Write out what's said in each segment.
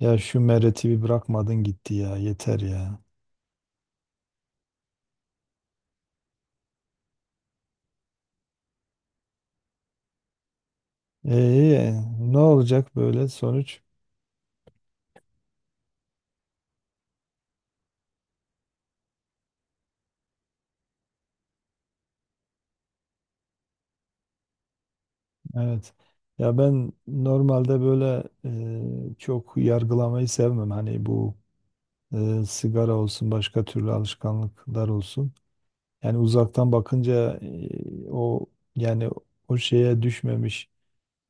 Ya şu Meret'i bir bırakmadın gitti ya yeter ya. Ee, Ne olacak böyle sonuç? Evet. Ya ben normalde böyle çok yargılamayı sevmem. Hani bu sigara olsun başka türlü alışkanlıklar olsun. Yani uzaktan bakınca o yani o şeye düşmemiş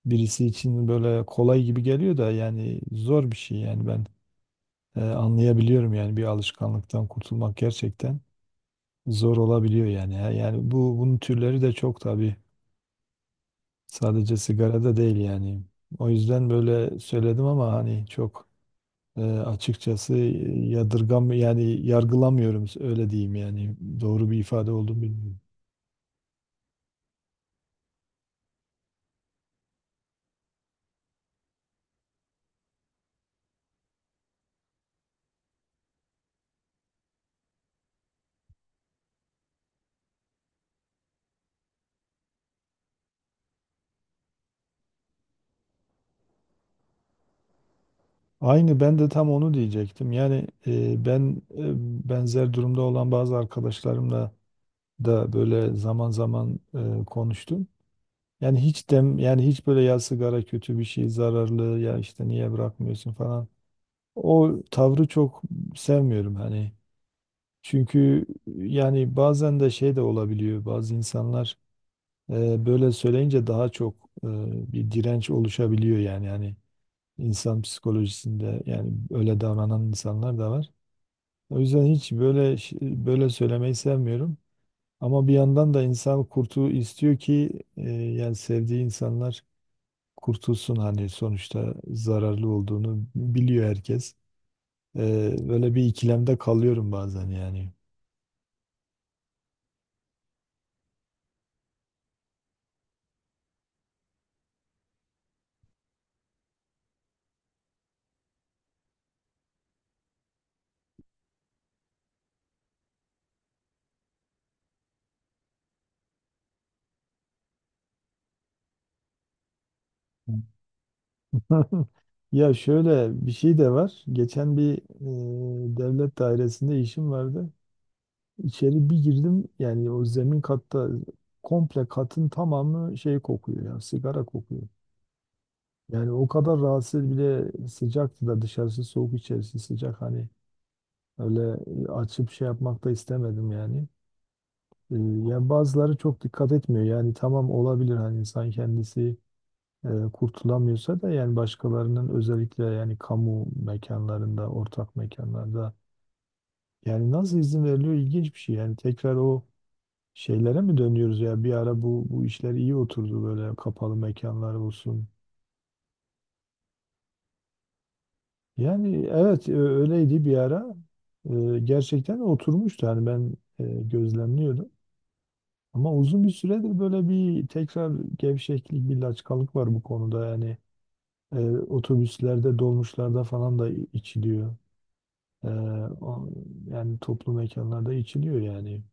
birisi için böyle kolay gibi geliyor da yani zor bir şey yani ben anlayabiliyorum yani bir alışkanlıktan kurtulmak gerçekten zor olabiliyor yani. Ya. Yani bu bunun türleri de çok tabii. Sadece sigarada değil yani. O yüzden böyle söyledim ama hani çok açıkçası yadırgam yani yargılamıyorum öyle diyeyim yani. Doğru bir ifade oldu mu bilmiyorum. Aynı ben de tam onu diyecektim. Yani ben benzer durumda olan bazı arkadaşlarımla da böyle zaman zaman konuştum. Yani hiç dem yani hiç böyle ya sigara kötü bir şey zararlı ya işte niye bırakmıyorsun falan. O tavrı çok sevmiyorum hani. Çünkü yani bazen de şey de olabiliyor. Bazı insanlar böyle söyleyince daha çok e, bir direnç oluşabiliyor yani. Yani insan psikolojisinde yani öyle davranan insanlar da var. O yüzden hiç böyle böyle söylemeyi sevmiyorum. Ama bir yandan da insan kurtu istiyor ki yani sevdiği insanlar kurtulsun hani sonuçta zararlı olduğunu biliyor herkes. Böyle bir ikilemde kalıyorum bazen yani. Ha, ya şöyle bir şey de var. Geçen bir devlet dairesinde işim vardı. İçeri bir girdim yani o zemin katta komple katın tamamı şey kokuyor ya sigara kokuyor. Yani o kadar rahatsız bile sıcaktı da dışarısı soğuk içerisi sıcak hani öyle açıp şey yapmak da istemedim yani. E, Yani bazıları çok dikkat etmiyor yani tamam olabilir hani insan kendisi kurtulamıyorsa da yani başkalarının özellikle yani kamu mekanlarında, ortak mekanlarda yani nasıl izin veriliyor ilginç bir şey. Yani tekrar o şeylere mi dönüyoruz ya bir ara bu işler iyi oturdu böyle kapalı mekanlar olsun. Yani evet öyleydi bir ara. Gerçekten oturmuştu yani ben gözlemliyordum. Ama uzun bir süredir böyle bir tekrar gevşeklik, bir laçkalık var bu konuda yani. E, Otobüslerde, dolmuşlarda falan da içiliyor. Ee, o- Yani toplu mekanlarda içiliyor yani.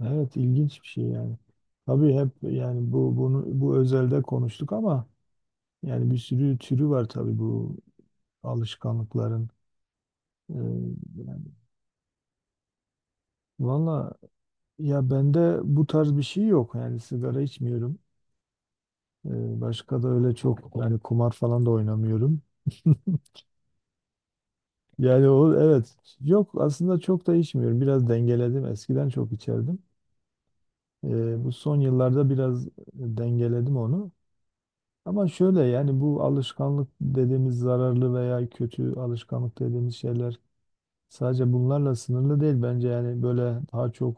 Evet ilginç bir şey yani. Tabii hep yani bu bunu bu özelde konuştuk ama yani bir sürü türü var tabii bu alışkanlıkların. Ee, Yani valla ya bende bu tarz bir şey yok. Yani sigara içmiyorum. Başka da öyle çok yani kumar falan da oynamıyorum. Yani o evet yok aslında çok da içmiyorum. Biraz dengeledim. Eskiden çok içerdim. Bu son yıllarda biraz dengeledim onu. Ama şöyle yani bu alışkanlık dediğimiz zararlı veya kötü alışkanlık dediğimiz şeyler sadece bunlarla sınırlı değil bence yani böyle daha çok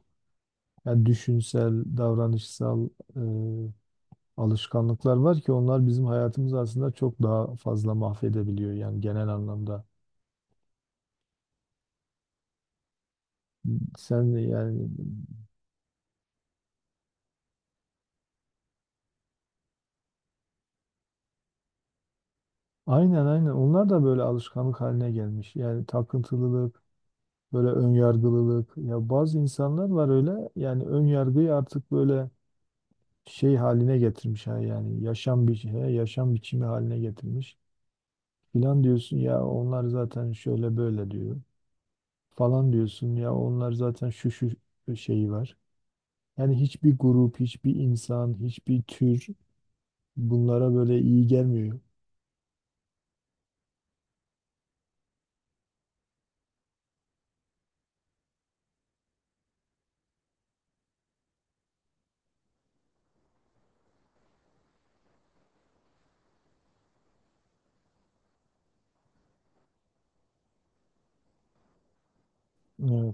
yani düşünsel, davranışsal, eee, alışkanlıklar var ki onlar bizim hayatımızı aslında çok daha fazla mahvedebiliyor yani genel anlamda. Sen yani aynen aynen onlar da böyle alışkanlık haline gelmiş. Yani takıntılılık, böyle ön yargılılık. Ya bazı insanlar var öyle. Yani ön yargıyı artık böyle şey haline getirmiş, ha, yani yaşam bir yaşam biçimi haline getirmiş. Filan diyorsun ya onlar zaten şöyle böyle diyor. Falan diyorsun ya onlar zaten şu şu şeyi var. Yani hiçbir grup, hiçbir insan, hiçbir tür bunlara böyle iyi gelmiyor. Ee,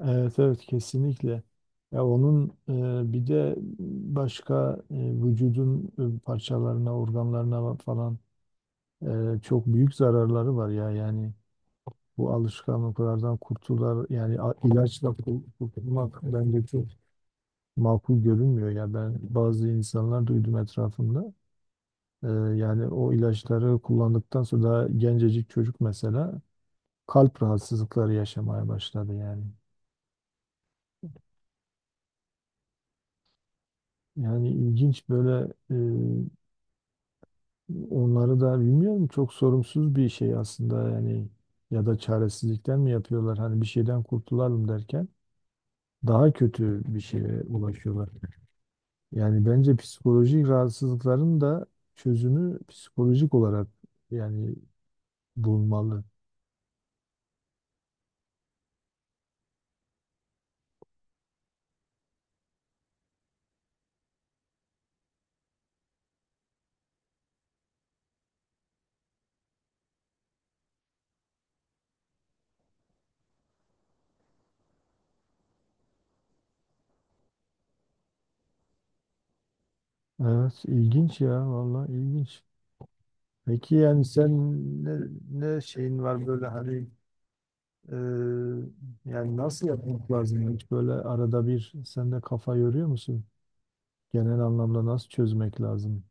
Evet evet kesinlikle. Ya onun bir de başka vücudun parçalarına, organlarına falan çok büyük zararları var ya. Yani bu alışkanlıklardan kurtular yani ilaçla kurtulmak bence çok makul görünmüyor ya. Ben bazı insanlar duydum etrafımda. E, Yani o ilaçları kullandıktan sonra daha gencecik çocuk mesela kalp rahatsızlıkları yaşamaya başladı yani. Yani ilginç böyle, onları da bilmiyorum, çok sorumsuz bir şey aslında yani, ya da çaresizlikten mi yapıyorlar hani bir şeyden kurtulalım derken daha kötü bir şeye ulaşıyorlar. Yani bence psikolojik rahatsızlıkların da çözümü psikolojik olarak yani bulunmalı. Evet ilginç ya, vallahi ilginç. Peki yani sen ne, ne şeyin var böyle hani e, yani nasıl yapmak lazım, hiç böyle arada bir sen de kafa yoruyor musun? Genel anlamda nasıl çözmek lazım?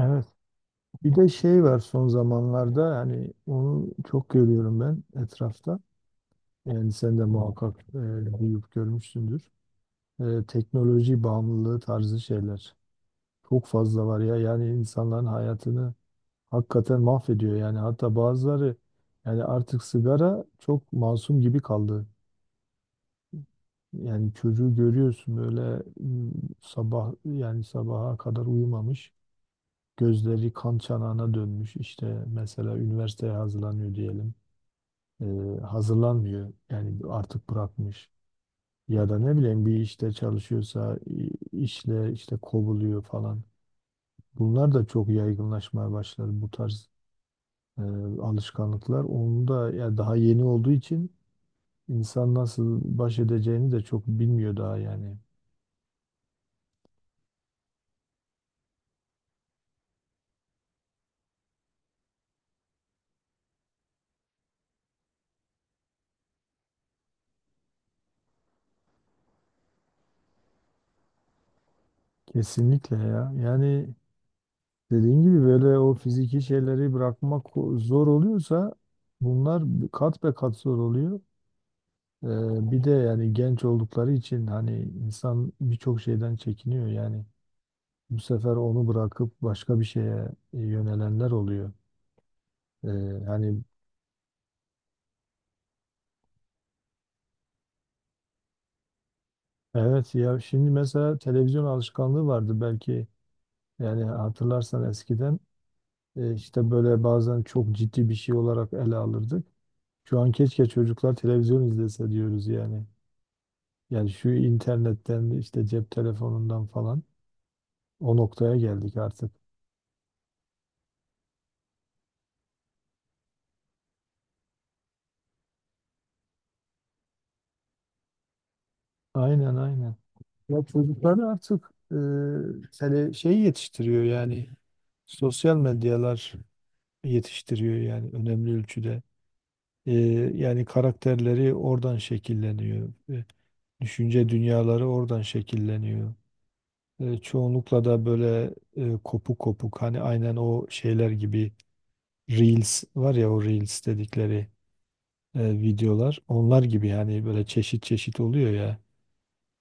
Evet. Bir de şey var son zamanlarda yani onu çok görüyorum ben etrafta. Yani sen de muhakkak duyup görmüşsündür. Teknoloji bağımlılığı tarzı şeyler. Çok fazla var ya yani insanların hayatını hakikaten mahvediyor yani, hatta bazıları yani artık sigara çok masum gibi kaldı. Yani çocuğu görüyorsun böyle, sabah yani sabaha kadar uyumamış. Gözleri kan çanağına dönmüş. İşte mesela üniversiteye hazırlanıyor diyelim. Hazırlanmıyor. Yani artık bırakmış. Ya da ne bileyim bir işte çalışıyorsa işle işte kovuluyor falan. Bunlar da çok yaygınlaşmaya başlar, bu tarz e, alışkanlıklar. Onu da ya daha yeni olduğu için insan nasıl baş edeceğini de çok bilmiyor daha yani. Kesinlikle ya. Yani dediğin gibi böyle o fiziki şeyleri bırakmak zor oluyorsa, bunlar kat be kat zor oluyor. Bir de yani genç oldukları için hani insan birçok şeyden çekiniyor yani. Bu sefer onu bırakıp başka bir şeye yönelenler oluyor. Ee, Hani evet ya şimdi mesela televizyon alışkanlığı vardı belki yani, hatırlarsan eskiden işte böyle bazen çok ciddi bir şey olarak ele alırdık. Şu an keşke çocuklar televizyon izlese diyoruz yani. Yani şu internetten işte cep telefonundan falan o noktaya geldik artık. Aynen aynen. Ya çocukları artık şey yetiştiriyor yani, sosyal medyalar yetiştiriyor yani önemli ölçüde. E, Yani karakterleri oradan şekilleniyor. Düşünce dünyaları oradan şekilleniyor. Çoğunlukla da böyle kopuk kopuk, hani aynen o şeyler gibi, Reels var ya o Reels dedikleri. Videolar. Onlar gibi yani böyle çeşit çeşit oluyor ya.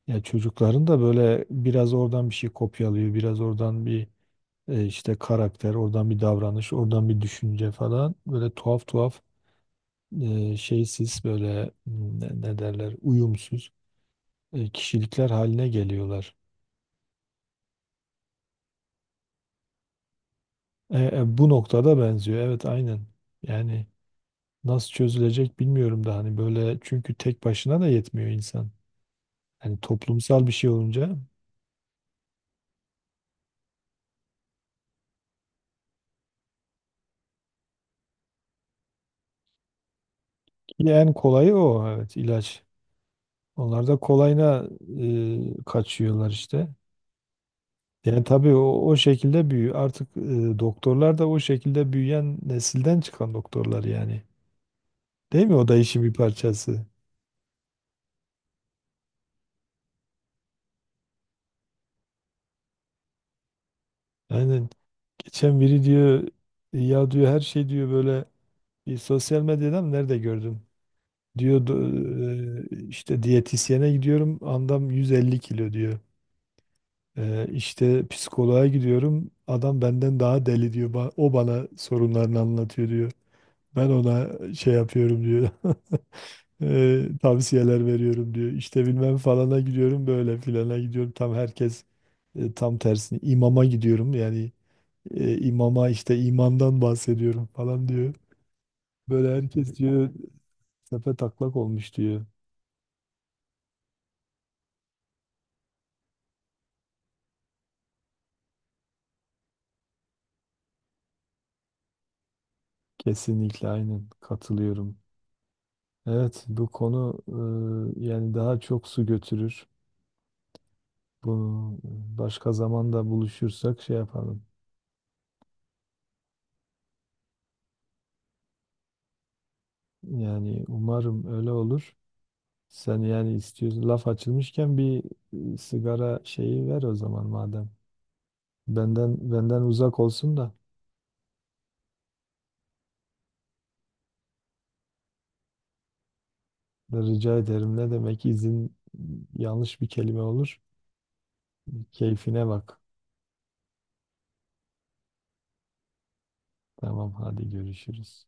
Ya çocukların da böyle biraz oradan bir şey kopyalıyor, biraz oradan bir işte karakter, oradan bir davranış, oradan bir düşünce falan. Böyle tuhaf tuhaf şeysiz böyle, ne derler, uyumsuz kişilikler haline geliyorlar. Bu noktada benziyor. Evet aynen. Yani nasıl çözülecek bilmiyorum da, hani böyle çünkü tek başına da yetmiyor insan. Hani toplumsal bir şey olunca. Ki en kolayı o, evet, ilaç. Onlar da kolayına kaçıyorlar işte. Yani tabii o şekilde büyüyor. Artık doktorlar da o şekilde büyüyen nesilden çıkan doktorlar yani. Değil mi? O da işin bir parçası. Aynen. Geçen biri diyor ya, diyor her şey diyor böyle, bir sosyal medyada mı nerede gördüm? Diyor: işte diyetisyene gidiyorum, andam 150 kilo," diyor. İşte psikoloğa gidiyorum. Adam benden daha deli," diyor. "O bana sorunlarını anlatıyor," diyor. "Ben ona şey yapıyorum," diyor. "Tavsiyeler veriyorum," diyor. "İşte bilmem falana gidiyorum, böyle filana gidiyorum. Tam herkes tam tersini. İmama gidiyorum yani, imama işte imandan bahsediyorum falan," diyor. "Böyle herkes," diyor, "tepe taklak olmuş," diyor. Kesinlikle aynen katılıyorum. Evet, bu konu yani daha çok su götürür. Bu başka zamanda buluşursak şey yapalım. Yani umarım öyle olur. Sen yani istiyorsun, laf açılmışken bir sigara şeyi ver o zaman madem. Benden uzak olsun da. Rica ederim. Ne demek izin, yanlış bir kelime olur. Keyfine bak. Tamam, hadi görüşürüz.